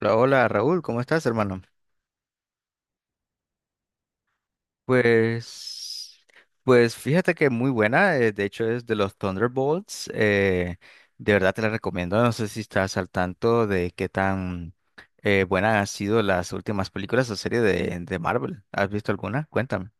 Hola, hola, Raúl, ¿cómo estás, hermano? Pues, pues, fíjate que muy buena, de hecho es de los Thunderbolts, de verdad te la recomiendo, no sé si estás al tanto de qué tan buena han sido las últimas películas o series de Marvel, ¿has visto alguna? Cuéntame.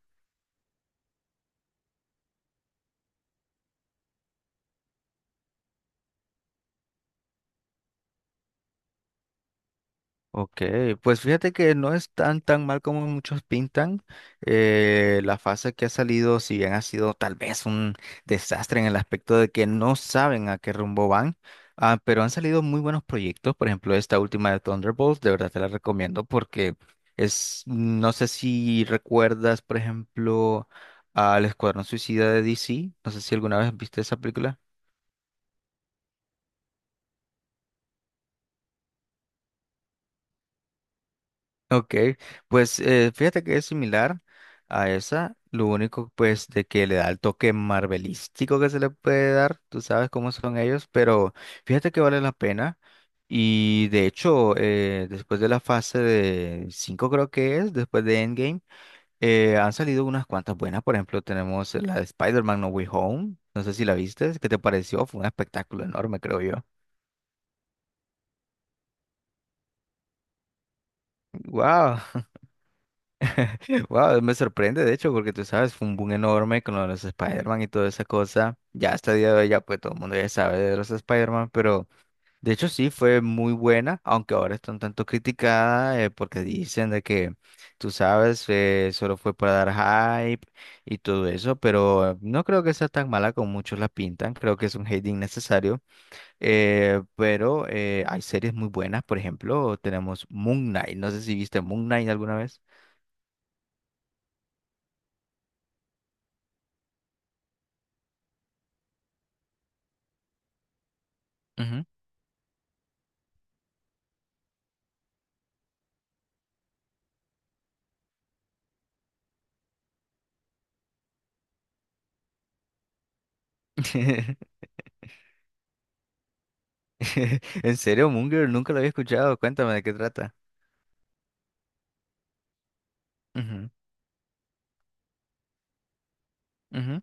Ok, pues fíjate que no es tan mal como muchos pintan. La fase que ha salido, si bien ha sido tal vez un desastre en el aspecto de que no saben a qué rumbo van, pero han salido muy buenos proyectos. Por ejemplo, esta última de Thunderbolts, de verdad te la recomiendo porque es, no sé si recuerdas, por ejemplo, al Escuadrón Suicida de DC. No sé si alguna vez viste esa película. Ok, pues fíjate que es similar a esa, lo único pues de que le da el toque marvelístico que se le puede dar, tú sabes cómo son ellos, pero fíjate que vale la pena y de hecho después de la fase de 5 creo que es, después de Endgame, han salido unas cuantas buenas, por ejemplo tenemos la de Spider-Man No Way Home, no sé si la viste, ¿qué te pareció? Fue un espectáculo enorme creo yo. Wow. Wow, me sorprende, de hecho, porque tú sabes, fue un boom enorme con lo de los Spider-Man y toda esa cosa. Ya hasta el día de hoy, ya pues todo el mundo ya sabe de los Spider-Man, pero de hecho sí fue muy buena, aunque ahora está un tanto criticada porque dicen de que, tú sabes, solo fue para dar hype y todo eso, pero no creo que sea tan mala como muchos la pintan, creo que es un hate innecesario, pero hay series muy buenas, por ejemplo, tenemos Moon Knight, no sé si viste Moon Knight alguna vez. Ujú. ¿En serio, Moon Girl? Nunca lo había escuchado. Cuéntame de qué trata. Ujú, ujú,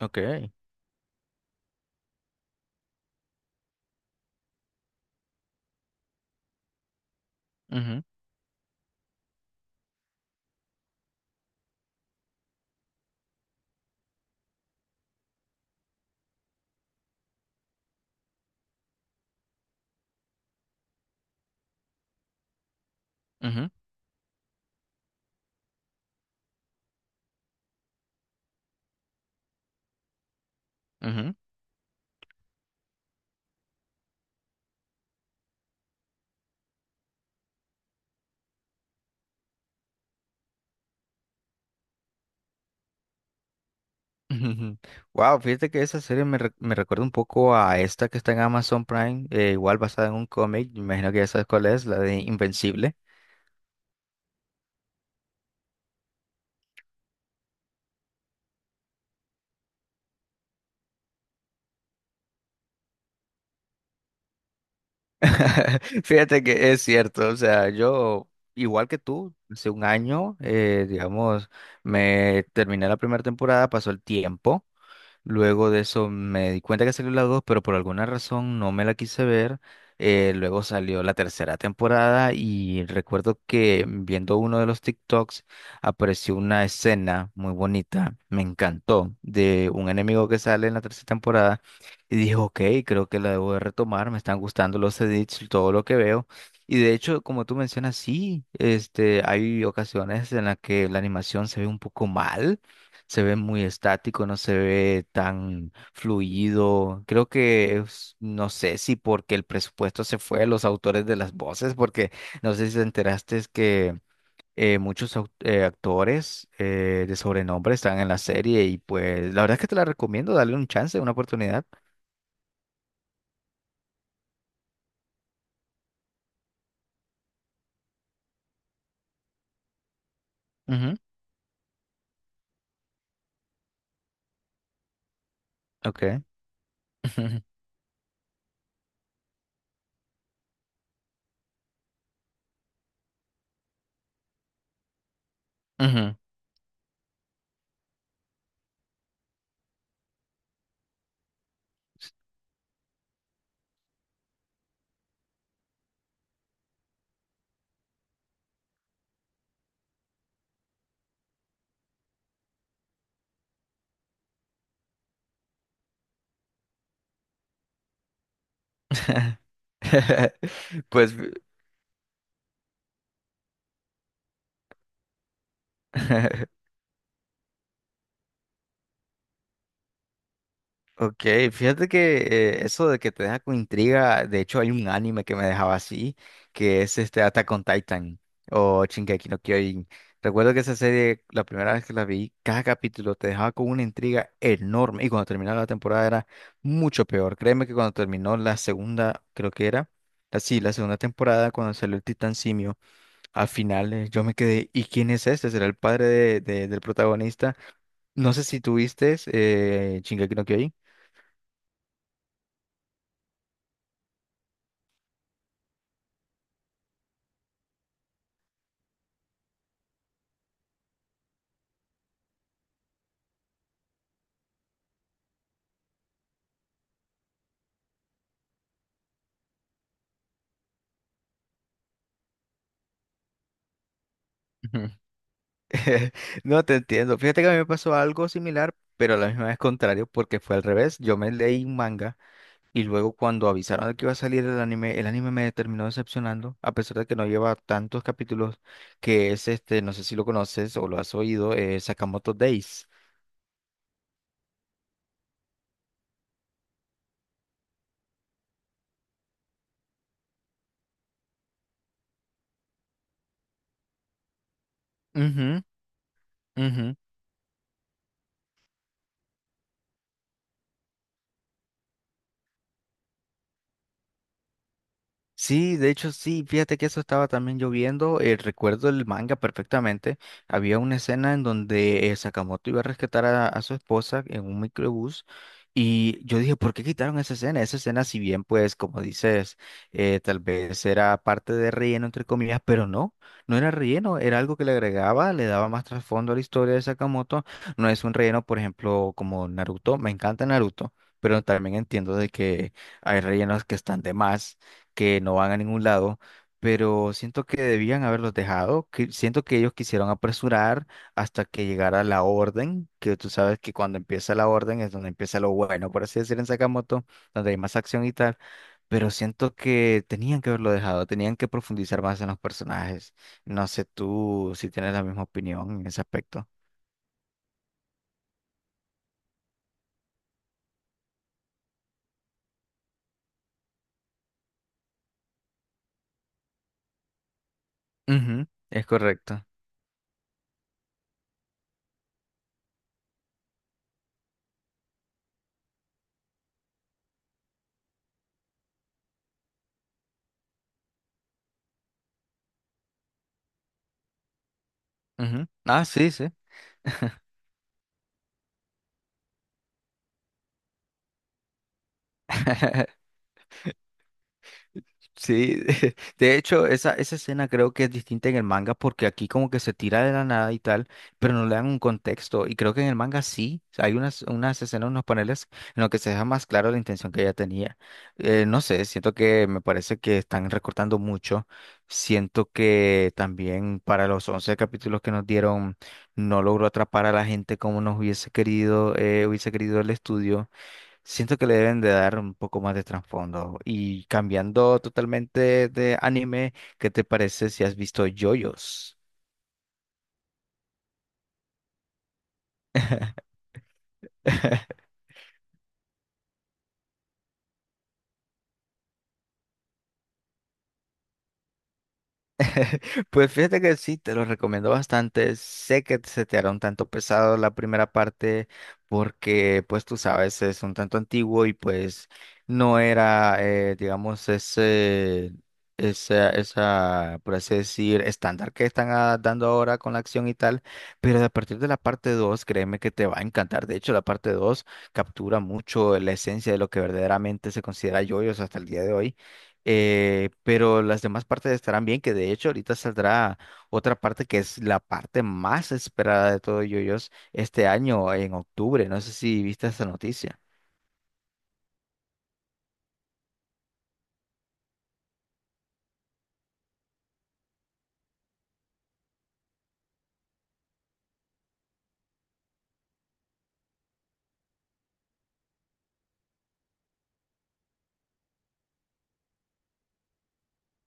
ok, ujú, ujú, ujú, ujú. Wow, fíjate que esa serie me recuerda un poco a esta que está en Amazon Prime, igual basada en un cómic, me imagino que ya sabes cuál es, la de Invencible. Fíjate que es cierto, o sea, yo, igual que tú, hace un año, digamos, me terminé la primera temporada, pasó el tiempo. Luego de eso me di cuenta que salió la 2, pero por alguna razón no me la quise ver. Luego salió la tercera temporada y recuerdo que viendo uno de los TikToks apareció una escena muy bonita, me encantó, de un enemigo que sale en la tercera temporada y dije, ok, creo que la debo de retomar, me están gustando los edits, todo lo que veo. Y de hecho, como tú mencionas, sí, este, hay ocasiones en las que la animación se ve un poco mal, se ve muy estático, no se ve tan fluido. Creo que no sé si porque el presupuesto se fue a los autores de las voces, porque no sé si te enteraste es que muchos actores de sobrenombre están en la serie y pues la verdad es que te la recomiendo, dale un chance, una oportunidad. Ujú, ok. Ujú. Pues Ok, fíjate que eso de que te deja con intriga, de hecho hay un anime que me dejaba así, que es este Attack on Titan o Shingeki no Kyojin. Recuerdo que esa serie, la primera vez que la vi, cada capítulo te dejaba con una intriga enorme y cuando terminaba la temporada era mucho peor. Créeme que cuando terminó la segunda, creo que era, así, la segunda temporada, cuando salió el Titán Simio, al final yo me quedé, ¿y quién es este? ¿Será el padre del protagonista? No sé si tuviste Shingeki no Kyojin. No te entiendo. Fíjate que a mí me pasó algo similar, pero a la misma vez contrario, porque fue al revés. Yo me leí un manga y luego cuando avisaron de que iba a salir el anime me terminó decepcionando, a pesar de que no lleva tantos capítulos, que es este, no sé si lo conoces o lo has oído, Sakamoto Days. Ujú, ujú. Sí, de hecho sí, fíjate que eso estaba también lloviendo, recuerdo el manga perfectamente, había una escena en donde Sakamoto iba a rescatar a su esposa en un microbús y yo dije, ¿por qué quitaron esa escena? Esa escena si bien pues como dices, tal vez era parte de relleno entre comillas, pero no era relleno, era algo que le agregaba, le daba más trasfondo a la historia de Sakamoto, no es un relleno por ejemplo como Naruto, me encanta Naruto, pero también entiendo de que hay rellenos que están de más, que no van a ningún lado, pero siento que debían haberlos dejado, que siento que ellos quisieron apresurar hasta que llegara la orden, que tú sabes que cuando empieza la orden es donde empieza lo bueno, por así decir, en Sakamoto, donde hay más acción y tal, pero siento que tenían que haberlo dejado, tenían que profundizar más en los personajes. No sé tú si tienes la misma opinión en ese aspecto. Ujú, es correcto. Ujú. Ah, sí, sí. Sí, de hecho, esa escena creo que es distinta en el manga porque aquí como que se tira de la nada y tal, pero no le dan un contexto. Y creo que en el manga sí, hay unas escenas, unos paneles en los que se deja más claro la intención que ella tenía. No sé, siento que me parece que están recortando mucho. Siento que también para los 11 capítulos que nos dieron no logró atrapar a la gente como nos hubiese querido el estudio. Siento que le deben de dar un poco más de trasfondo. Y cambiando totalmente de anime, ¿qué te parece si has visto JoJo's? Pues fíjate que sí, te lo recomiendo bastante. Sé que se te hará un tanto pesado la primera parte porque, pues tú sabes, es un tanto antiguo y pues no era, digamos, ese, esa, por así decir, estándar que están dando ahora con la acción y tal. Pero a partir de la parte 2, créeme que te va a encantar. De hecho, la parte 2 captura mucho la esencia de lo que verdaderamente se considera yoyos hasta el día de hoy, pero las demás partes estarán bien, que de hecho ahorita saldrá otra parte que es la parte más esperada de todo yoyos este año en octubre. No sé si viste esa noticia.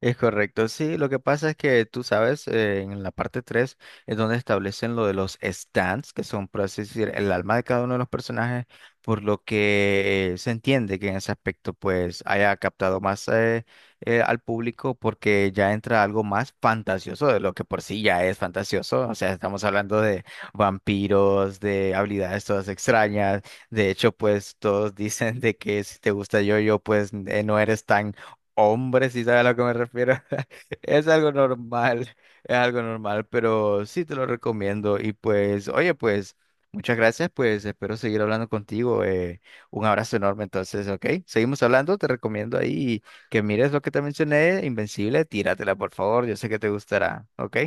Es correcto, sí, lo que pasa es que tú sabes, en la parte 3 es donde establecen lo de los stands, que son, por así decir, el alma de cada uno de los personajes, por lo que se entiende que en ese aspecto pues haya captado más al público porque ya entra algo más fantasioso de lo que por sí ya es fantasioso, o sea, estamos hablando de vampiros, de habilidades todas extrañas, de hecho pues todos dicen de que si te gusta yo-yo pues no eres tan Hombre, si sabes a lo que me refiero. Es algo normal, es algo normal, pero sí te lo recomiendo. Y pues, oye, pues, muchas gracias, pues espero seguir hablando contigo. Un abrazo enorme, entonces, ¿ok? Seguimos hablando, te recomiendo ahí que mires lo que te mencioné, Invencible, tíratela, por favor, yo sé que te gustará, ¿ok?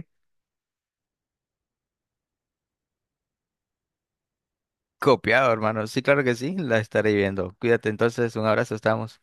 Copiado, hermano. Sí, claro que sí, la estaré viendo. Cuídate entonces, un abrazo, estamos.